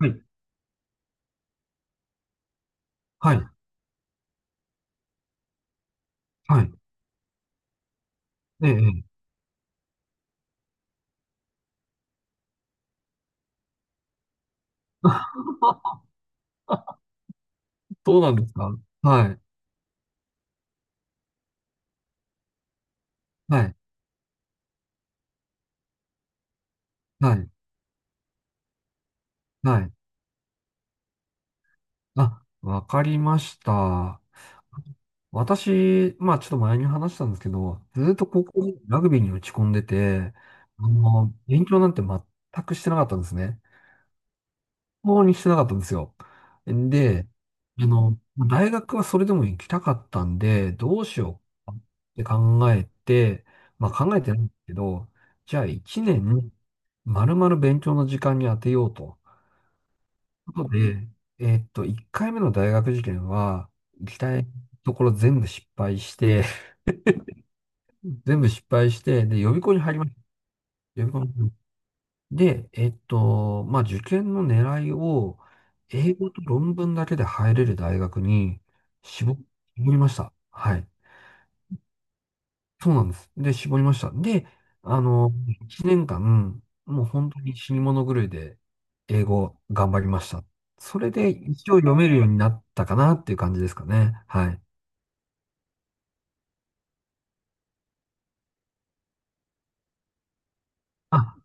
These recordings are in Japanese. はい、はい、はい。ええ、ええ。どうなんですか？はい、はい、はい、はい。あ、わかりました。私、まあちょっと前に話したんですけど、ずっと高校でラグビーに打ち込んでて、勉強なんて全くしてなかったんですね。当にしてなかったんですよ。で、大学はそれでも行きたかったんで、どうしようかって考えて、まあ考えてないんですけど、じゃあ1年、丸々勉強の時間に当てようと。ことで、1回目の大学受験は、行きたいところ全部失敗して、全部失敗して、で、予備校に入りました。予備校にで、まあ、受験の狙いを、英語と論文だけで入れる大学に絞、絞りました。はい。そうなんです。で、絞りました。で、あの、1年間、もう本当に死に物狂いで英語頑張りました。それで一応読めるようになったかなっていう感じですかね。はい。あ、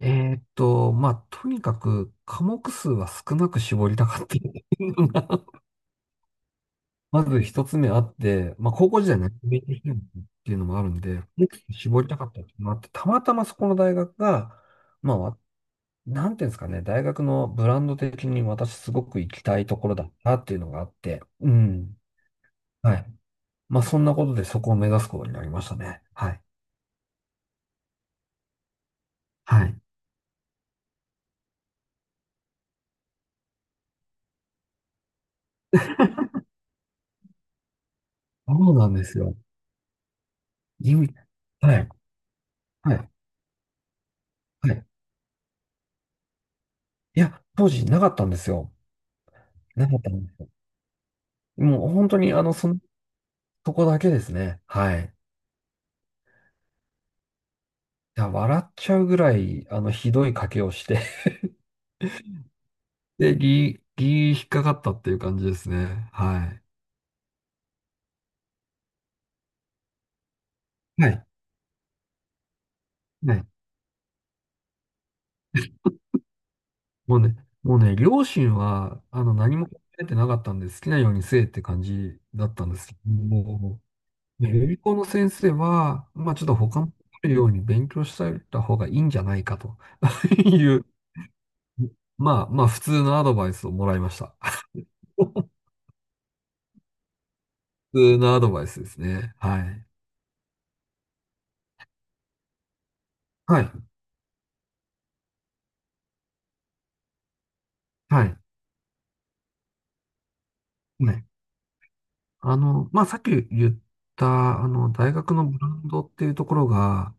まあ、とにかく科目数は少なく絞りたかった。まず一つ目あって、まあ、高校時代何勉強してるのっていうのもあるんで、絞りたかったっていうのもあって、たまたまそこの大学が、まあ、なんていうんですかね、大学のブランド的に私すごく行きたいところだったっていうのがあって、うん。はい。まあ、そんなことでそこを目指すことになりましたね。はい。はい。そうなんですよ。今はい。はい。はい。いや、当時なかったんですよ。なかったんですよ。もう本当にそこだけですね。はい。や、笑っちゃうぐらい、ひどい賭けをして で、ギー、ギー引っかかったっていう感じですね。はい。はい。はい。もうね、もうね、両親は、何も考えてなかったんで、好きなようにせえって感じだったんですけども、予備校の先生は、まあ、ちょっと他のよように勉強しておいた方がいいんじゃないかと いう、まあ、普通のアドバイスをもらいました。普通のアドバイスですね。はい。はい。はい。はい。まあ、さっき言った、あの、大学のブランドっていうところが、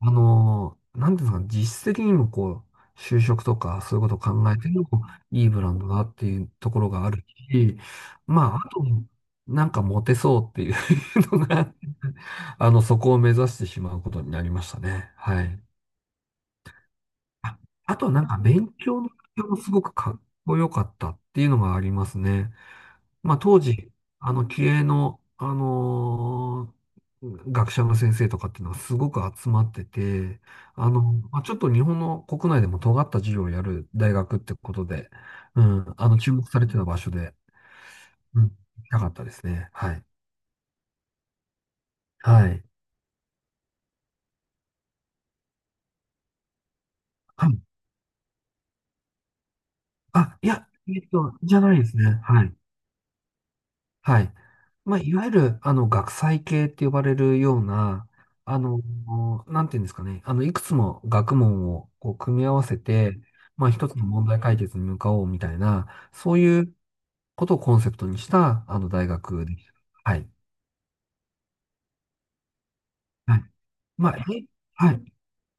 なんていうんですかね、実質的にもこう、就職とかそういうことを考えてもいいブランドだっていうところがあるし、まあ、あと、なんかモテそうっていう のが、そこを目指してしまうことになりましたね。はい。あ、あとはなんか勉強の環境もすごくかっこよかったっていうのがありますね。まあ、当時、気鋭の、学者の先生とかっていうのはすごく集まってて、あの、まあ、ちょっと日本の国内でも尖った授業をやる大学ってことで、うん、注目されてた場所で、うん、行きたかったですね。はい。はい。はい。あ、いや、じゃないですね。はい。はい。まあ、いわゆる、学際系って呼ばれるような、あの、なんていうんですかね、いくつも学問をこう組み合わせて、まあ、一つの問題解決に向かおうみたいな、そういうことをコンセプトにした、あの、大学でした。はい。はい。まあ、はい。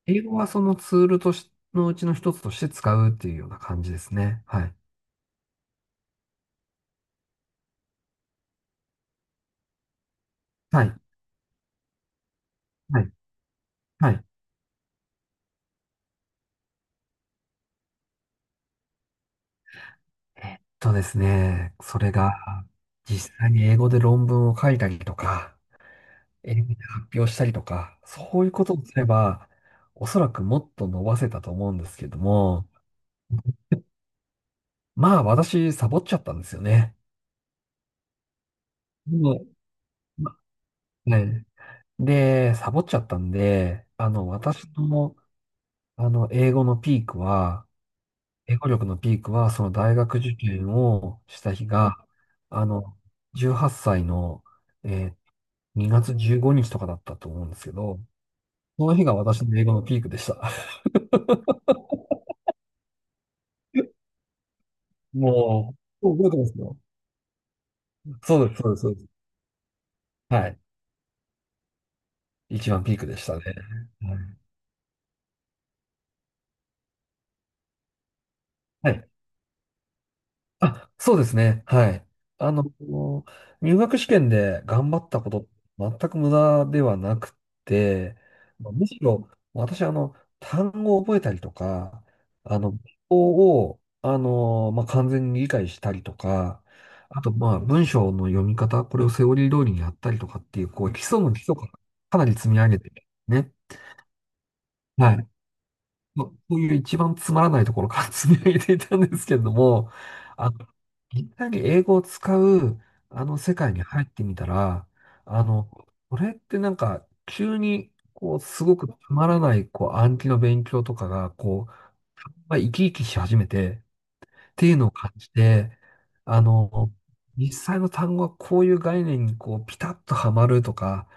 英語はそのツールとし、のうちの一つとして使うっていうような感じですね。はい。はい。はい。はい。えっとですね、それが、実際に英語で論文を書いたりとか、英語で発表したりとか、そういうことをすれば、おそらくもっと伸ばせたと思うんですけども、まあ私、サボっちゃったんですよね。もう、まはい。で、サボっちゃったんで、私の、英語のピークは、英語力のピークは、その大学受験をした日が、あの、18歳の、えー2月15日とかだったと思うんですけど、その日が私の英語のピークでした。もう、覚えてますよ。そうです、そうです、そうです。はい。一番ピークでしたね。はい。はい。あ、そうですね。はい。あの、入学試験で頑張ったこと、全く無駄ではなくて、むしろ、私、単語を覚えたりとか、文法を、まあ、完全に理解したりとか、あと、まあ、文章の読み方、これをセオリー通りにやったりとかっていう、こう、基礎の基礎からかなり積み上げてね。はい。まあ、こういう一番つまらないところから 積み上げていたんですけれども、あの、いきなり英語を使う、あの世界に入ってみたら、あの、これってなんか、急に、こう、すごくつまらない、こう、暗記の勉強とかが、こう、まあ、生き生きし始めて、っていうのを感じて、あの、実際の単語はこういう概念にこうピタッとはまるとか、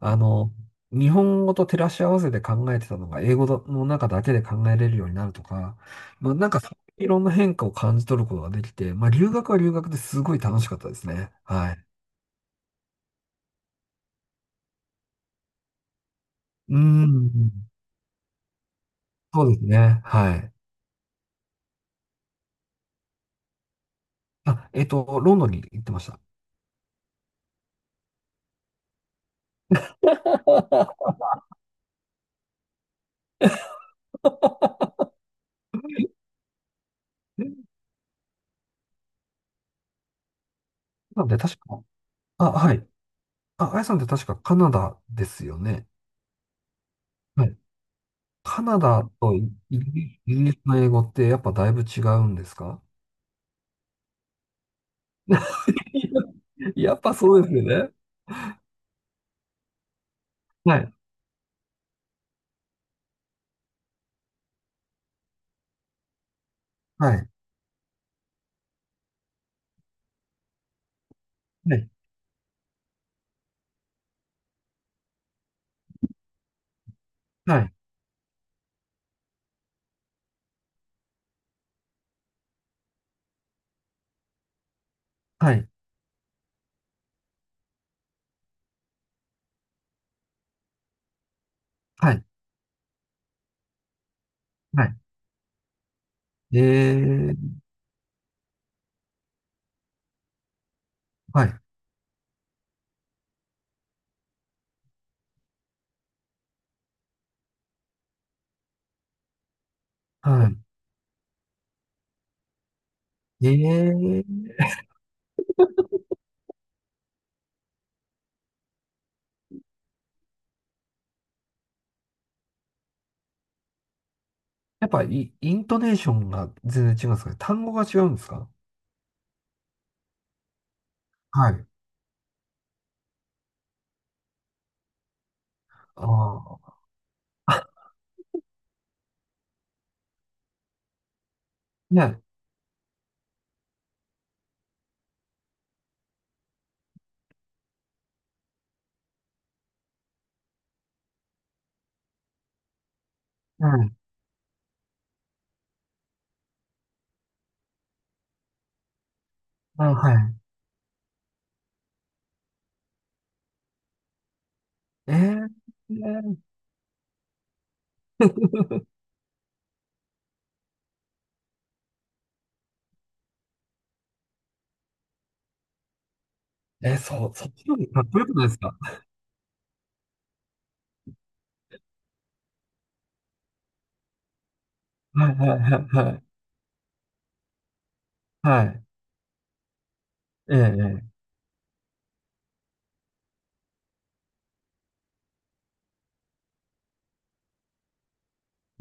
あの、日本語と照らし合わせて考えてたのが英語の中だけで考えれるようになるとか、まあ、なんかそういういろんな変化を感じ取ることができて、まあ、留学は留学ですごい楽しかったですね。はい。うーん。そうですね。はい。あ、ロンドンに行ってました。なんで確か、あ、はい。あ、あやさんって確かカナダですよね。はい。カナダとイギリスの英語ってやっぱだいぶ違うんですか？ やっぱそうですよね。はい。はい。はい。はい。はい。はい。はい。えー。はい。はい。えー。やっぱイントネーションが全然違うんですかね。単語が違うんですか？はい。ああ。ね。はい。あ、はい。えー。そう、そっちの方がかっこよくないですか？はい。はい。はい。はい。はい。ええ。え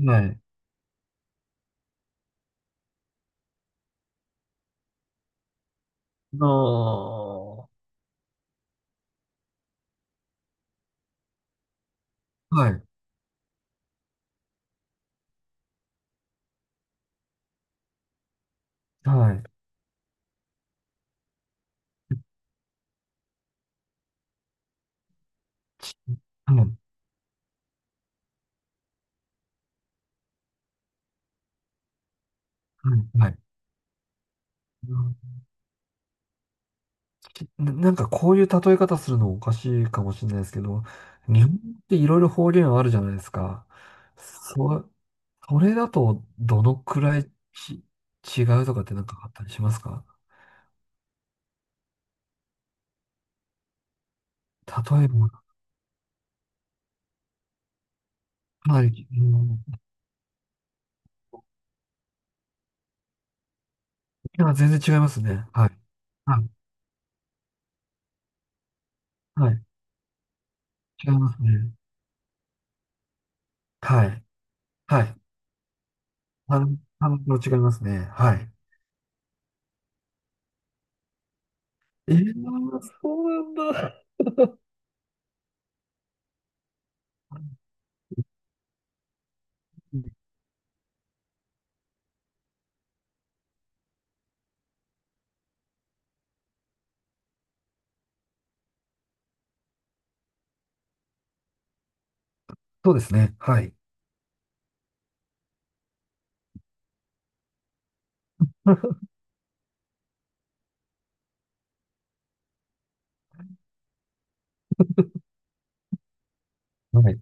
え。はい。ああ、はい、はい。ち、はい、はい、はい。うん、なんかこういう例え方するのおかしいかもしれないですけど、日本っていろいろ方言あるじゃないですか。そ、それだとどのくらい違うとかってなんかあったりしますか？例えば、はい、うん、いや、全然違いますね。はい。はい、はい、違いますね。はい、はい。あの、違いますね。はい。えー、そうなんだ。そうですね。はい。はい。